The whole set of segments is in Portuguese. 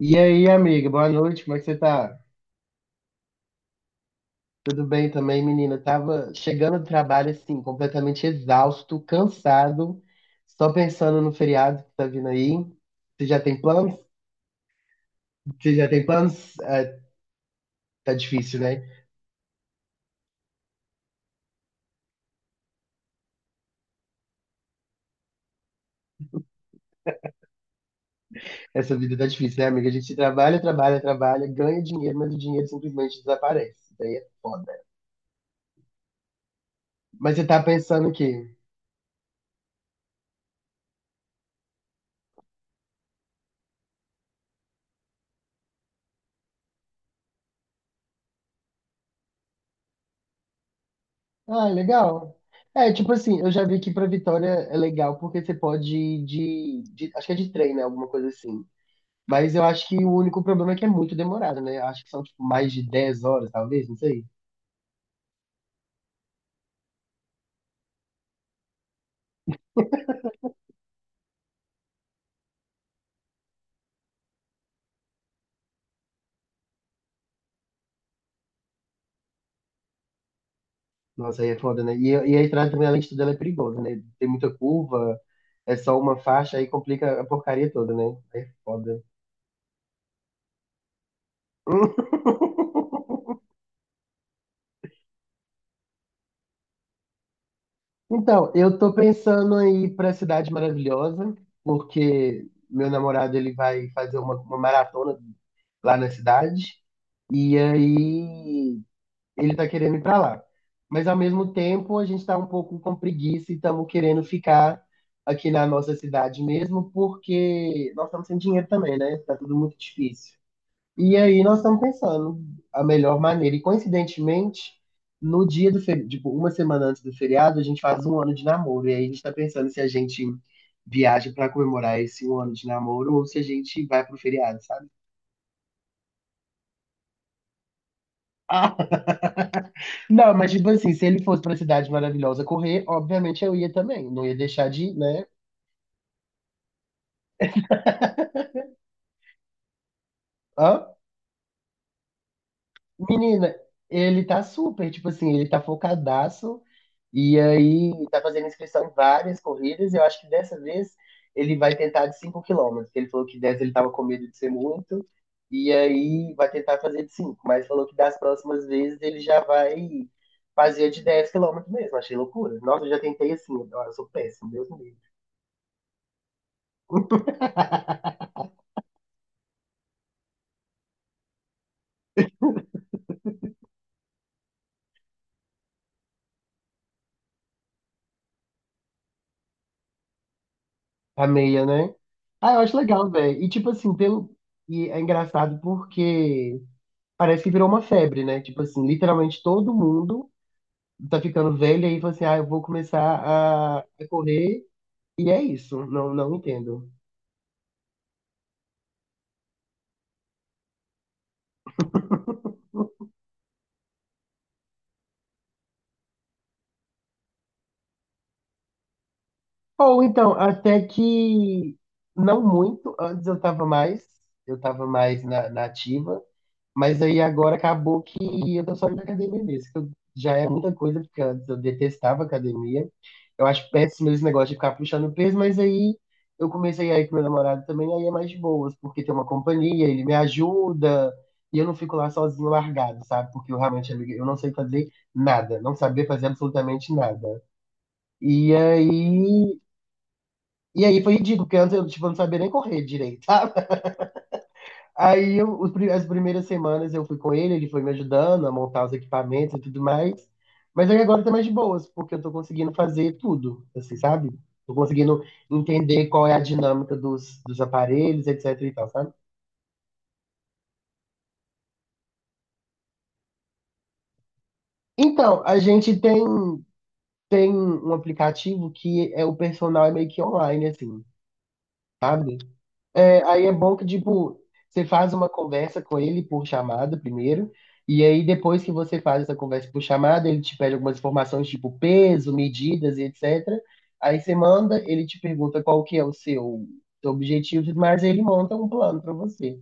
E aí, amiga, boa noite, como é que você tá? Tudo bem também, menina? Eu tava chegando do trabalho, assim, completamente exausto, cansado, só pensando no feriado que tá vindo aí. Você já tem planos? Você já tem planos? Ah, tá difícil, né? Essa vida tá difícil, né, amiga? A gente trabalha, trabalha, trabalha, ganha dinheiro, mas o dinheiro simplesmente desaparece. Isso daí é foda. Mas você tá pensando o quê? Ah, legal. É, tipo assim, eu já vi que pra Vitória é legal porque você pode ir Acho que é de trem, né? Alguma coisa assim. Mas eu acho que o único problema é que é muito demorado, né? Eu acho que são tipo, mais de 10 horas, talvez, não sei. Nossa, aí é foda, né? E a estrada também, além de tudo, ela é perigosa, né? Tem muita curva, é só uma faixa, aí complica a porcaria toda, né? Aí é foda. Então, eu tô pensando em aí pra Cidade Maravilhosa, porque meu namorado ele vai fazer uma maratona lá na cidade. E aí ele tá querendo ir para lá. Mas ao mesmo tempo, a gente tá um pouco com preguiça e estamos querendo ficar aqui na nossa cidade mesmo, porque nós estamos sem dinheiro também, né? Tá tudo muito difícil. E aí nós estamos pensando a melhor maneira. E coincidentemente, no dia do feriado, tipo, uma semana antes do feriado, a gente faz um ano de namoro. E aí a gente tá pensando se a gente viaja para comemorar esse um ano de namoro ou se a gente vai pro feriado, sabe? Não, mas tipo assim, se ele fosse pra Cidade Maravilhosa correr, obviamente eu ia também. Não ia deixar de ir, né? Hã? Menina, ele tá super, tipo assim, ele tá focadaço. E aí tá fazendo inscrição em várias corridas. E eu acho que dessa vez ele vai tentar de 5 km. Ele falou que 10 ele tava com medo de ser muito. E aí vai tentar fazer de 5. Mas falou que das próximas vezes ele já vai fazer de 10 km mesmo. Achei loucura. Nossa, eu já tentei assim. Eu sou péssimo, Deus me livre. A meia, né? Ah, eu acho legal, velho. E tipo assim, pelo. E é engraçado porque parece que virou uma febre, né? Tipo assim, literalmente todo mundo tá ficando velho e aí fala assim, ah, eu vou começar a correr e é isso. Não, não entendo. Ou então, até que não muito, antes eu tava mais na ativa. Mas aí agora acabou que eu tô só indo na academia mesmo, já é muita coisa, porque antes eu detestava academia. Eu acho péssimo esse negócio de ficar puxando peso, mas aí eu comecei a ir com meu namorado também, aí é mais de boas, porque tem uma companhia, ele me ajuda, e eu não fico lá sozinho largado, sabe? Porque eu realmente, amiga, eu não sei fazer nada, não saber fazer absolutamente nada. E aí, e aí foi ridículo, porque antes eu, tipo, não sabia nem correr direito. Aí eu- os pri- as primeiras semanas eu fui com ele, ele foi me ajudando a montar os equipamentos e tudo mais. Mas aí agora tá mais de boas, porque eu tô conseguindo fazer tudo, assim, sabe? Tô conseguindo entender qual é a dinâmica dos aparelhos, etc e tal, sabe? Então, a gente tem um aplicativo que é o personal é meio que online, assim. Tá? É, aí é bom que, tipo, você faz uma conversa com ele por chamada primeiro, e aí depois que você faz essa conversa por chamada, ele te pede algumas informações, tipo peso, medidas e etc. Aí você manda, ele te pergunta qual que é o seu objetivo, mas ele monta um plano pra você.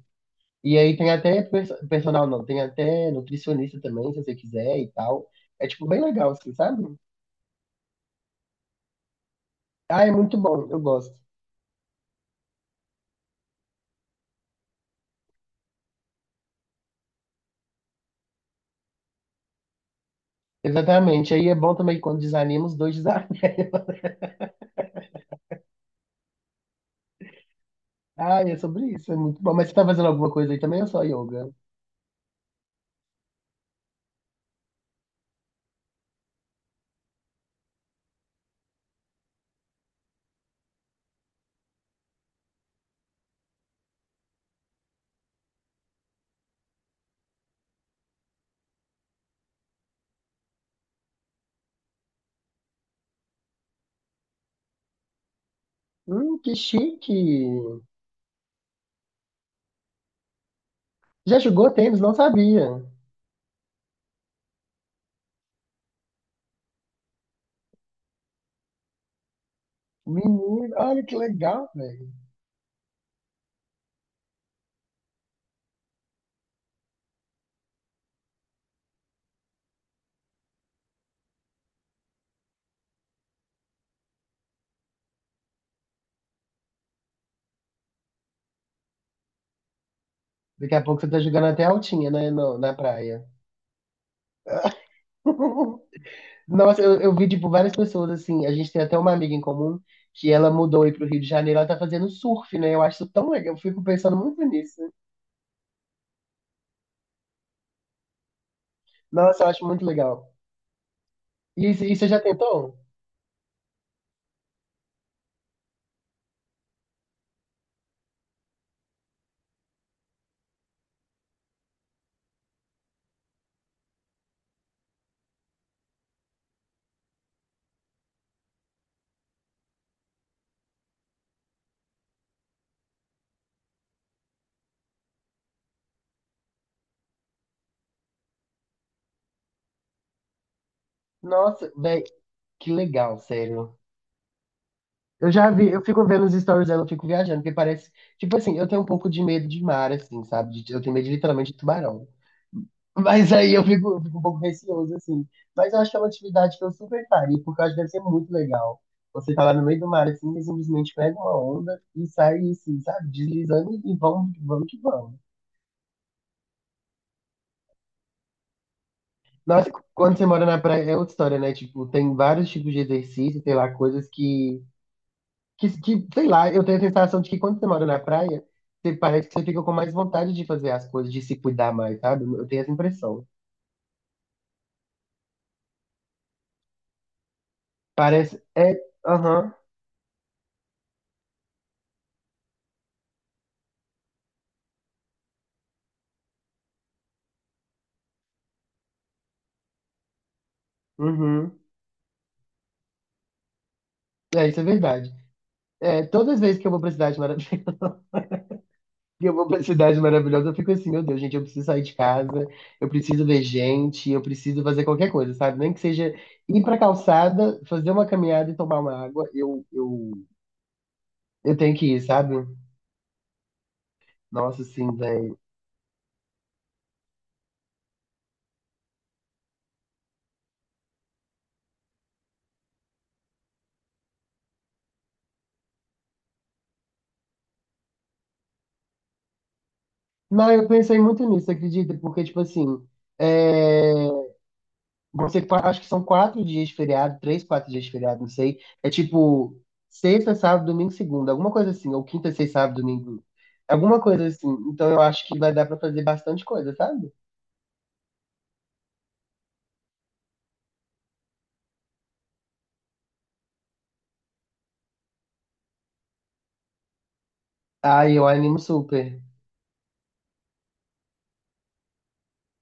E aí tem até personal, não, tem até nutricionista também, se você quiser e tal. É, tipo, bem legal, assim, sabe? Ah, é muito bom, eu gosto. Exatamente. Aí é bom também que quando desanima, os dois desanimam. Ah, é sobre isso, é muito bom. Mas você tá fazendo alguma coisa aí também ou só yoga? Que chique! Já jogou tênis? Não sabia. Menino, olha que legal, velho. Daqui a pouco você tá jogando até altinha, né, na praia. Nossa, eu vi, tipo, várias pessoas, assim, a gente tem até uma amiga em comum que ela mudou aí pro Rio de Janeiro, ela tá fazendo surf, né? Eu acho isso tão legal, eu fico pensando muito nisso. Nossa, eu acho muito legal. E você já tentou? Nossa, velho, que legal, sério. Eu já vi, eu fico vendo os stories dela, eu fico viajando, porque parece. Tipo assim, eu tenho um pouco de medo de mar, assim, sabe? Eu tenho medo literalmente de tubarão. Mas aí eu fico um pouco receoso, assim. Mas eu acho que é uma atividade que eu super faria, porque eu acho que deve ser muito legal. Você tá lá no meio do mar, assim, e simplesmente pega uma onda e sai, assim, sabe? Deslizando e vamos, vamos que vamos. Nossa, quando você mora na praia é outra história, né? Tipo, tem vários tipos de exercício, tem lá, coisas que. Sei lá, eu tenho a sensação de que quando você mora na praia, você parece que você fica com mais vontade de fazer as coisas, de se cuidar mais, sabe? Eu tenho essa impressão. Parece. É. Aham. Uhum. É, isso é verdade. É, todas as vezes que eu vou pra Cidade Maravilhosa, eu vou pra Cidade Maravilhosa, eu fico assim, meu Deus, gente, eu preciso sair de casa, eu preciso ver gente, eu preciso fazer qualquer coisa, sabe? Nem que seja ir pra calçada, fazer uma caminhada e tomar uma água, eu tenho que ir, sabe? Nossa, sim, velho. Não, eu pensei muito nisso, acredita? Porque, tipo assim, é, acho que são 4 dias de feriado, três, 4 dias de feriado, não sei. É tipo sexta, sábado, domingo, segunda, alguma coisa assim, ou quinta, sexta, sábado, domingo, alguma coisa assim. Então eu acho que vai dar pra fazer bastante coisa, sabe? Ah, eu animo super.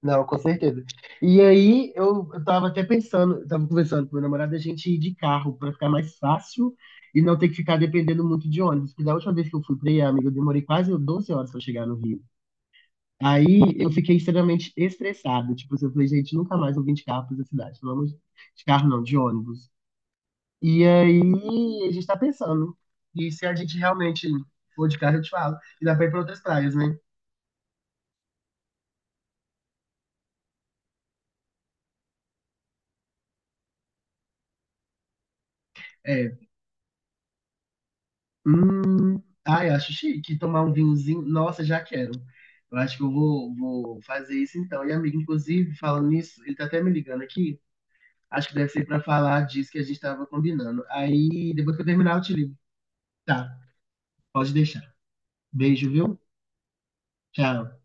Não, com certeza. E aí eu tava até pensando, eu tava conversando com meu namorado, a gente ir de carro pra ficar mais fácil e não ter que ficar dependendo muito de ônibus. Porque da última vez que eu fui pra aí, amigo, eu demorei quase 12 horas pra chegar no Rio. Aí eu fiquei extremamente estressado. Tipo, assim, eu falei, gente, nunca mais eu vim de carro pra essa cidade. Vamos de carro não, de ônibus. E aí a gente tá pensando. E se a gente realmente for de carro, eu te falo. E dá pra ir pra outras praias, né? É, hum, ai, eu acho chique tomar um vinhozinho. Nossa, já quero. Eu acho que eu vou fazer isso então. E, amigo, inclusive, falando nisso, ele tá até me ligando aqui. Acho que deve ser pra falar disso que a gente tava combinando. Aí, depois que eu terminar, eu te ligo. Tá, pode deixar. Beijo, viu? Tchau.